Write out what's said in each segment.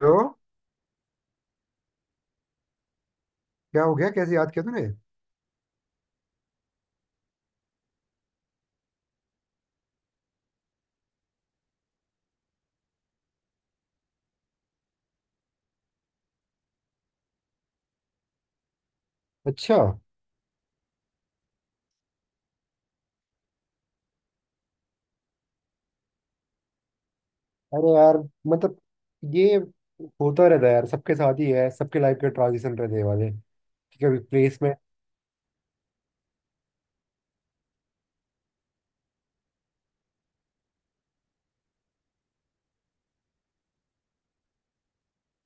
तो क्या हो गया? कैसे याद किया तूने? अच्छा। अरे यार मतलब ये होता रहता है यार। सबके साथ ही है, सबके लाइफ के ट्रांजिशन रहते हैं वाले कि कभी प्लेस में।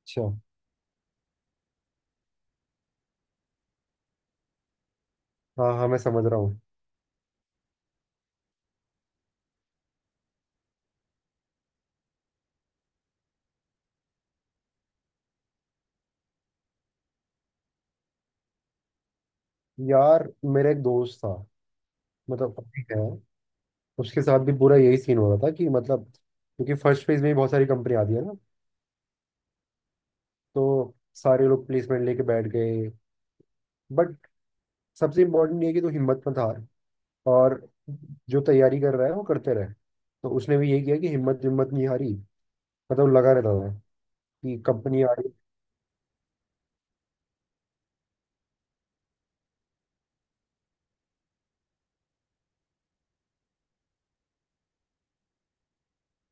अच्छा। हाँ हाँ, मैं समझ रहा हूँ। यार मेरा एक दोस्त था, मतलब अभी है। उसके साथ भी पूरा यही सीन हो रहा था कि मतलब क्योंकि फर्स्ट फेज में ही बहुत सारी कंपनी आती है ना, तो सारे लोग प्लेसमेंट लेके बैठ गए। बट सबसे इम्पोर्टेंट ये है कि तू हिम्मत मत हार, और जो तैयारी कर रहा है वो करते रहे। तो उसने भी यही किया कि हिम्मत हिम्मत नहीं हारी, मतलब लगा रहता था कि कंपनी आ रही।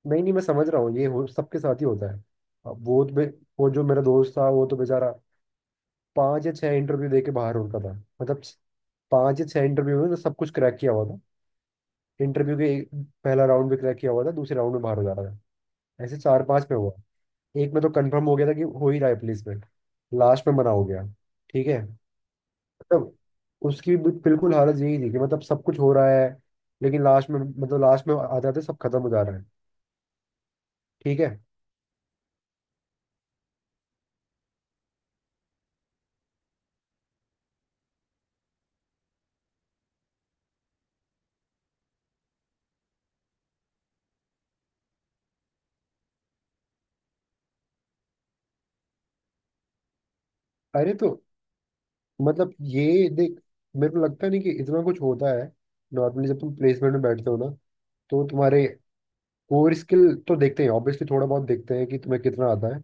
नहीं नहीं, मैं समझ रहा हूँ, ये हो सबके साथ ही होता है। अब वो तो वो जो मेरा दोस्त था वो तो बेचारा पांच या छह इंटरव्यू दे के बाहर होता था। मतलब पांच या छह इंटरव्यू में सब कुछ क्रैक किया हुआ था। इंटरव्यू के पहला राउंड भी क्रैक किया हुआ था, दूसरे राउंड में बाहर हो जा रहा था। ऐसे चार पांच में हुआ। एक में तो कंफर्म हो गया था कि हो ही रहा है प्लेसमेंट, लास्ट में मना हो गया। ठीक है। मतलब उसकी भी बिल्कुल हालत यही थी कि मतलब सब कुछ हो रहा है, लेकिन लास्ट में, मतलब लास्ट में आते आते सब खत्म हो जा रहा है। ठीक है। अरे तो मतलब ये देख, मेरे को लगता नहीं कि इतना कुछ होता है। नॉर्मली जब तुम प्लेसमेंट में बैठते हो ना, तो तुम्हारे कोर स्किल तो देखते हैं ऑब्वियसली, थोड़ा बहुत देखते हैं कि तुम्हें कितना आता है।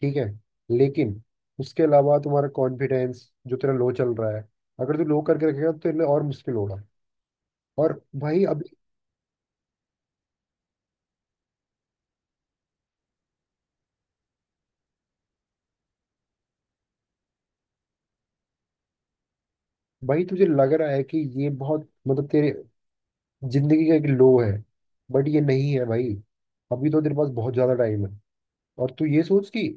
ठीक है। लेकिन उसके अलावा तुम्हारा कॉन्फिडेंस जो तेरा लो चल रहा है, अगर तू लो करके रखेगा तो तेरे लिए और मुश्किल होगा। और भाई अभी, भाई तुझे लग रहा है कि ये बहुत मतलब तेरे जिंदगी का एक लो है। बट ये नहीं है भाई। अभी तो तेरे पास बहुत ज्यादा टाइम है। और तू ये सोच कि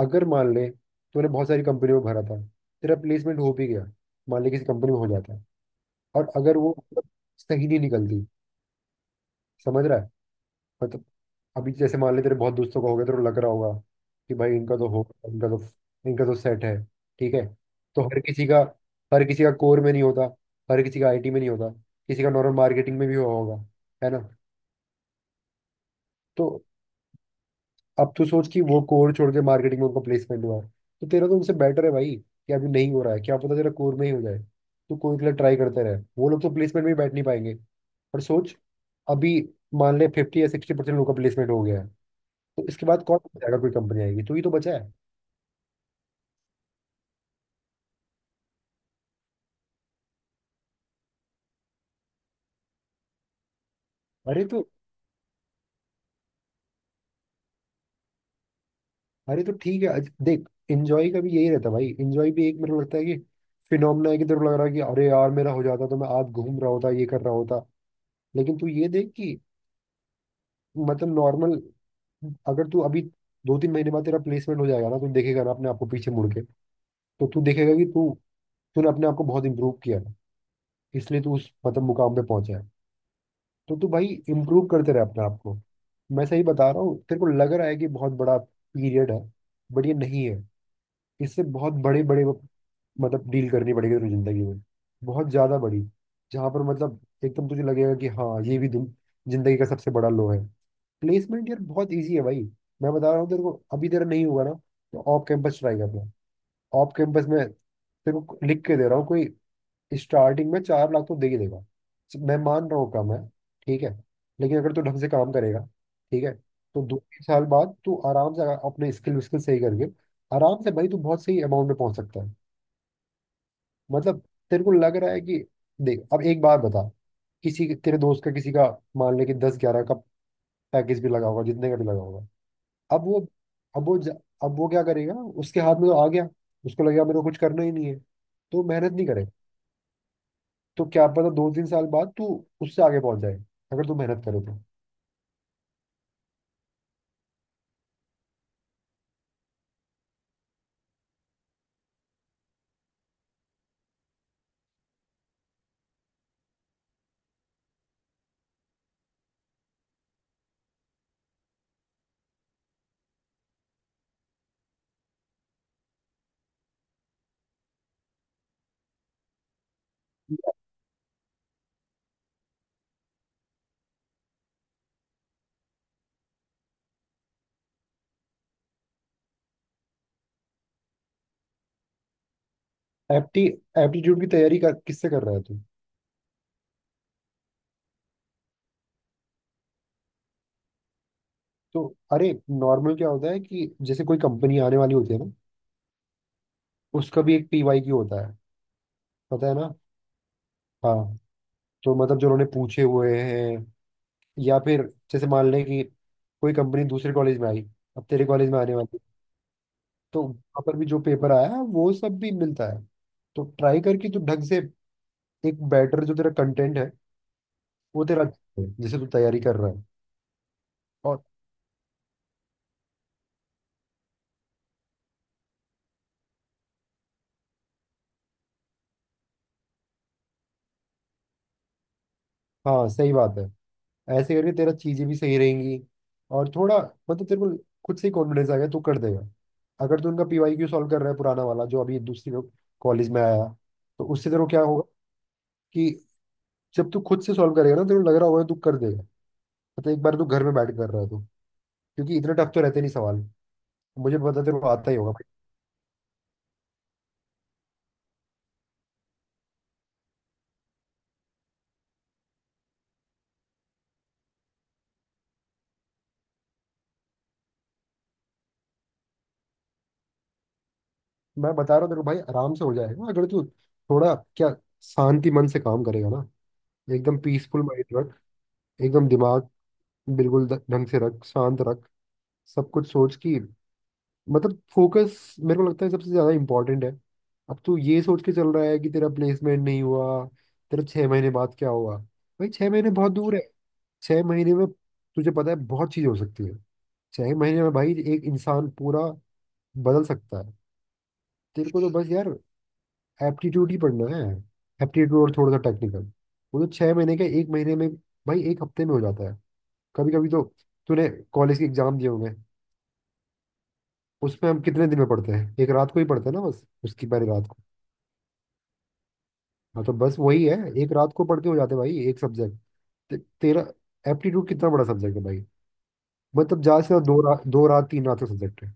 अगर मान ले तूने बहुत सारी कंपनी में भरा था, तेरा प्लेसमेंट हो भी गया, मान ले किसी कंपनी में हो जाता है, और अगर वो मतलब सही नहीं निकलती, समझ रहा है? मतलब अभी जैसे मान ले तेरे बहुत दोस्तों का होगा, तेरे को लग रहा होगा कि भाई इनका तो होगा, इनका तो, इनका तो सेट है। ठीक है। तो हर किसी का, हर किसी का कोर में नहीं होता, हर किसी का आईटी में नहीं होता, किसी का नॉर्मल मार्केटिंग में भी हुआ होगा, है ना। तो अब तू सोच कि वो कोर छोड़ के मार्केटिंग में उनका प्लेसमेंट हुआ है, तो तेरा तो उनसे बेटर है भाई कि अभी नहीं हो रहा है, क्या पता तेरा कोर में ही हो जाए। तू कोर के लिए ट्राई करते रहे, वो लोग तो प्लेसमेंट में ही बैठ नहीं पाएंगे। पर सोच, अभी मान ले 50 या 60% लोगों का प्लेसमेंट हो गया है, तो इसके बाद कौन जाएगा? कोई कंपनी आएगी तू ही तो बचा है। अरे तो अरे तो ठीक है, देख, इंजॉय का भी यही रहता है भाई। इंजॉय भी एक, मेरे को लगता है कि फिनोमेना है कि तेरे को लग रहा है कि अरे यार मेरा हो जाता तो मैं आज घूम रहा होता, ये कर रहा होता। लेकिन तू ये देख कि मतलब नॉर्मल, अगर तू अभी 2-3 महीने बाद तेरा प्लेसमेंट हो जाएगा ना, तू देखेगा ना अपने आप को पीछे मुड़ के, तो तू देखेगा कि तू तूने अपने आप को बहुत इम्प्रूव किया है, इसलिए तू उस मतलब मुकाम पे पहुंचा है। तो तू भाई इम्प्रूव करते रहे अपने आप को। मैं सही बता रहा हूँ, तेरे को लग रहा है कि बहुत बड़ा पीरियड है, बट ये नहीं है। इससे बहुत बड़े बड़े मतलब डील करनी पड़ेगी तेरी जिंदगी में, बहुत ज्यादा बड़ी, जहाँ पर मतलब एकदम तुझे लगेगा कि हाँ, ये भी जिंदगी का सबसे बड़ा लो है। प्लेसमेंट यार बहुत इजी है भाई। मैं बता रहा हूँ तेरे को, अभी तेरा नहीं हुआ ना, तो ऑफ कैंपस ट्राई करना। ऑफ कैंपस में तेरे को लिख के दे रहा हूँ, कोई स्टार्टिंग में 4 लाख तो दे ही देगा। मैं मान रहा हूँ कम है, ठीक है, लेकिन अगर तू ढंग से काम करेगा, ठीक है, तो 2-3 साल बाद तू आराम से, अगर अपने स्किल विस्किल सही करके, आराम से भाई तू बहुत सही अमाउंट में पहुंच सकता है। मतलब तेरे को लग रहा है कि, देख अब एक बार बता, किसी तेरे दोस्त का, किसी का मान ले कि 10 11 का पैकेज भी लगा होगा, जितने का भी लगा होगा। अब वो अब वो अब वो क्या करेगा? उसके हाथ में तो आ गया, उसको लगेगा मेरे को कुछ करना ही नहीं है, तो मेहनत नहीं करेगा। तो क्या पता 2-3 साल बाद तू उससे आगे पहुंच जाए, अगर तू मेहनत करे तो। एप्टी एप्टीट्यूड की तैयारी कर, किससे कर रहा है तू? तो अरे, नॉर्मल क्या होता है कि जैसे कोई कंपनी आने वाली होती है ना, उसका भी एक पीवाई की होता है, पता है ना। हाँ। तो मतलब जो उन्होंने पूछे हुए हैं, या फिर जैसे मान लें कि कोई कंपनी दूसरे कॉलेज में आई, अब तेरे कॉलेज में आने वाली, तो वहाँ पर भी जो पेपर आया है वो सब भी मिलता है। तो ट्राई करके तो ढंग से, एक बेटर जो तेरा कंटेंट है वो तेरा अच्छा है, जिसे तू तैयारी कर रहा है और हाँ सही बात है। ऐसे करके तेरा चीजें भी सही रहेंगी, और थोड़ा मतलब तेरे को खुद से ही कॉन्फिडेंस आ गया, तू कर देगा। अगर तू उनका पीवाईक्यू सॉल्व कर रहा है, पुराना वाला जो अभी दूसरी कॉलेज में आया, तो उससे तेरे को क्या होगा कि जब तू खुद से सॉल्व करेगा ना, तेरे को लग रहा होगा तू कर देगा। मतलब एक बार तू घर में बैठ कर रहा है तू, क्योंकि इतने टफ तो रहते नहीं सवाल, मुझे पता है तेरे को आता हाँ ही होगा भाई। मैं बता रहा हूँ तेरे को भाई, आराम से हो जाएगा अगर तू थोड़ा क्या, शांति मन से काम करेगा ना। एकदम पीसफुल माइंड रख, एकदम दिमाग बिल्कुल ढंग से रख, शांत रख। सब कुछ सोच की, मतलब फोकस मेरे को लगता है सबसे ज़्यादा इम्पोर्टेंट है। अब तू ये सोच के चल रहा है कि तेरा प्लेसमेंट नहीं हुआ, तेरा 6 महीने बाद क्या होगा। भाई 6 महीने बहुत दूर है, 6 महीने में तुझे पता है बहुत चीज़ हो सकती है, 6 महीने में भाई एक इंसान पूरा बदल सकता है। तेरे को तो बस यार एप्टीट्यूड ही पढ़ना है, एप्टीट्यूड और थोड़ा सा टेक्निकल। वो तो 6 महीने का, एक महीने में भाई, एक हफ्ते में हो जाता है कभी कभी तो। तूने कॉलेज के एग्जाम दिए होंगे, उसमें हम कितने दिन में पढ़ते हैं? एक रात को ही पढ़ते हैं ना, बस उसकी पहले रात को। हाँ, तो बस वही है, एक रात को पढ़ के हो जाते हैं भाई एक सब्जेक्ट। तेरा एप्टीट्यूड कितना बड़ा सब्जेक्ट है भाई? मतलब ज्यादा से ज्यादा दो रात तीन रात का सब्जेक्ट है।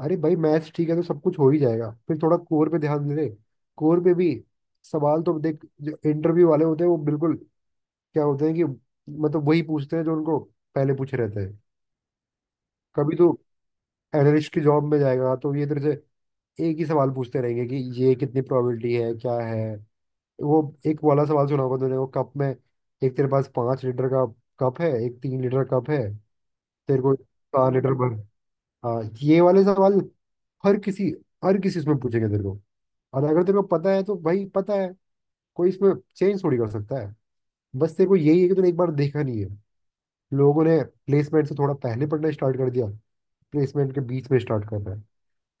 अरे भाई मैथ्स ठीक है तो सब कुछ हो ही जाएगा, फिर थोड़ा कोर पे ध्यान दे। कोर पे भी सवाल तो देख, जो इंटरव्यू वाले होते हैं वो बिल्कुल, क्या होता है कि मतलब वही पूछते हैं जो उनको पहले पूछे रहते हैं। कभी तो एनालिस्ट की जॉब में जाएगा तो ये इधर से एक ही सवाल पूछते रहेंगे कि ये कितनी प्रोबेबिलिटी है, क्या है वो। एक वाला सवाल सुना होगा तूने, वो कप में, एक तेरे पास 5 लीटर का कप है, एक 3 लीटर कप है, तेरे को 4 लीटर भर। हाँ, ये वाले सवाल हर किसी, हर किसी इसमें पूछेंगे तेरे को। और अगर तेरे को पता है तो भाई पता है, कोई इसमें चेंज थोड़ी कर सकता है। बस तेरे को यही है कि तूने एक बार देखा नहीं है, लोगों ने प्लेसमेंट से थोड़ा पहले पढ़ना स्टार्ट कर दिया, प्लेसमेंट के बीच में स्टार्ट कर रहा है।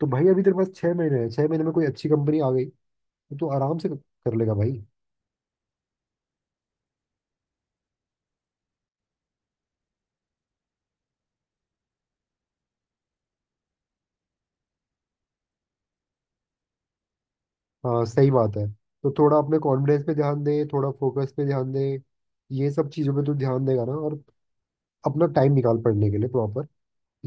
तो भाई अभी तेरे पास 6 महीने हैं, 6 महीने में कोई अच्छी कंपनी आ गई तो तू आराम से कर लेगा भाई। हाँ सही बात है, तो थोड़ा अपने कॉन्फिडेंस पे ध्यान दे, थोड़ा फोकस पे ध्यान दे। ये सब चीज़ों पे तू ध्यान देगा ना, और अपना टाइम निकाल पढ़ने के लिए प्रॉपर।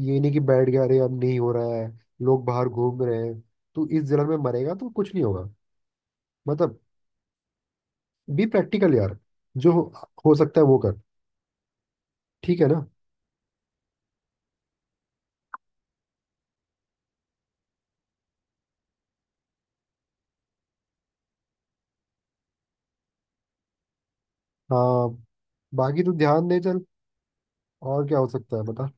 ये नहीं कि बैठ गया अरे अब नहीं हो रहा है, लोग बाहर घूम रहे हैं, तू इस जलन में मरेगा तो कुछ नहीं होगा। मतलब बी प्रैक्टिकल यार, जो हो सकता है वो कर, ठीक है ना। हाँ, बाकी तू ध्यान दे, चल और क्या हो सकता है बता।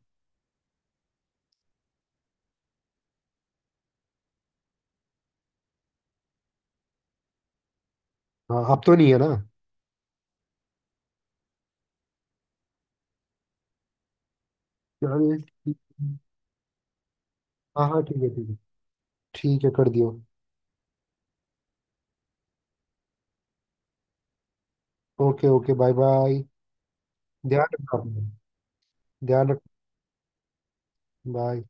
हाँ अब तो नहीं है ना। चल ठीक है। हाँ हाँ ठीक है ठीक है। ठीक है कर दियो। Okay okay bye bye. ध्यान रखना अपना। ध्यान रख। बाय।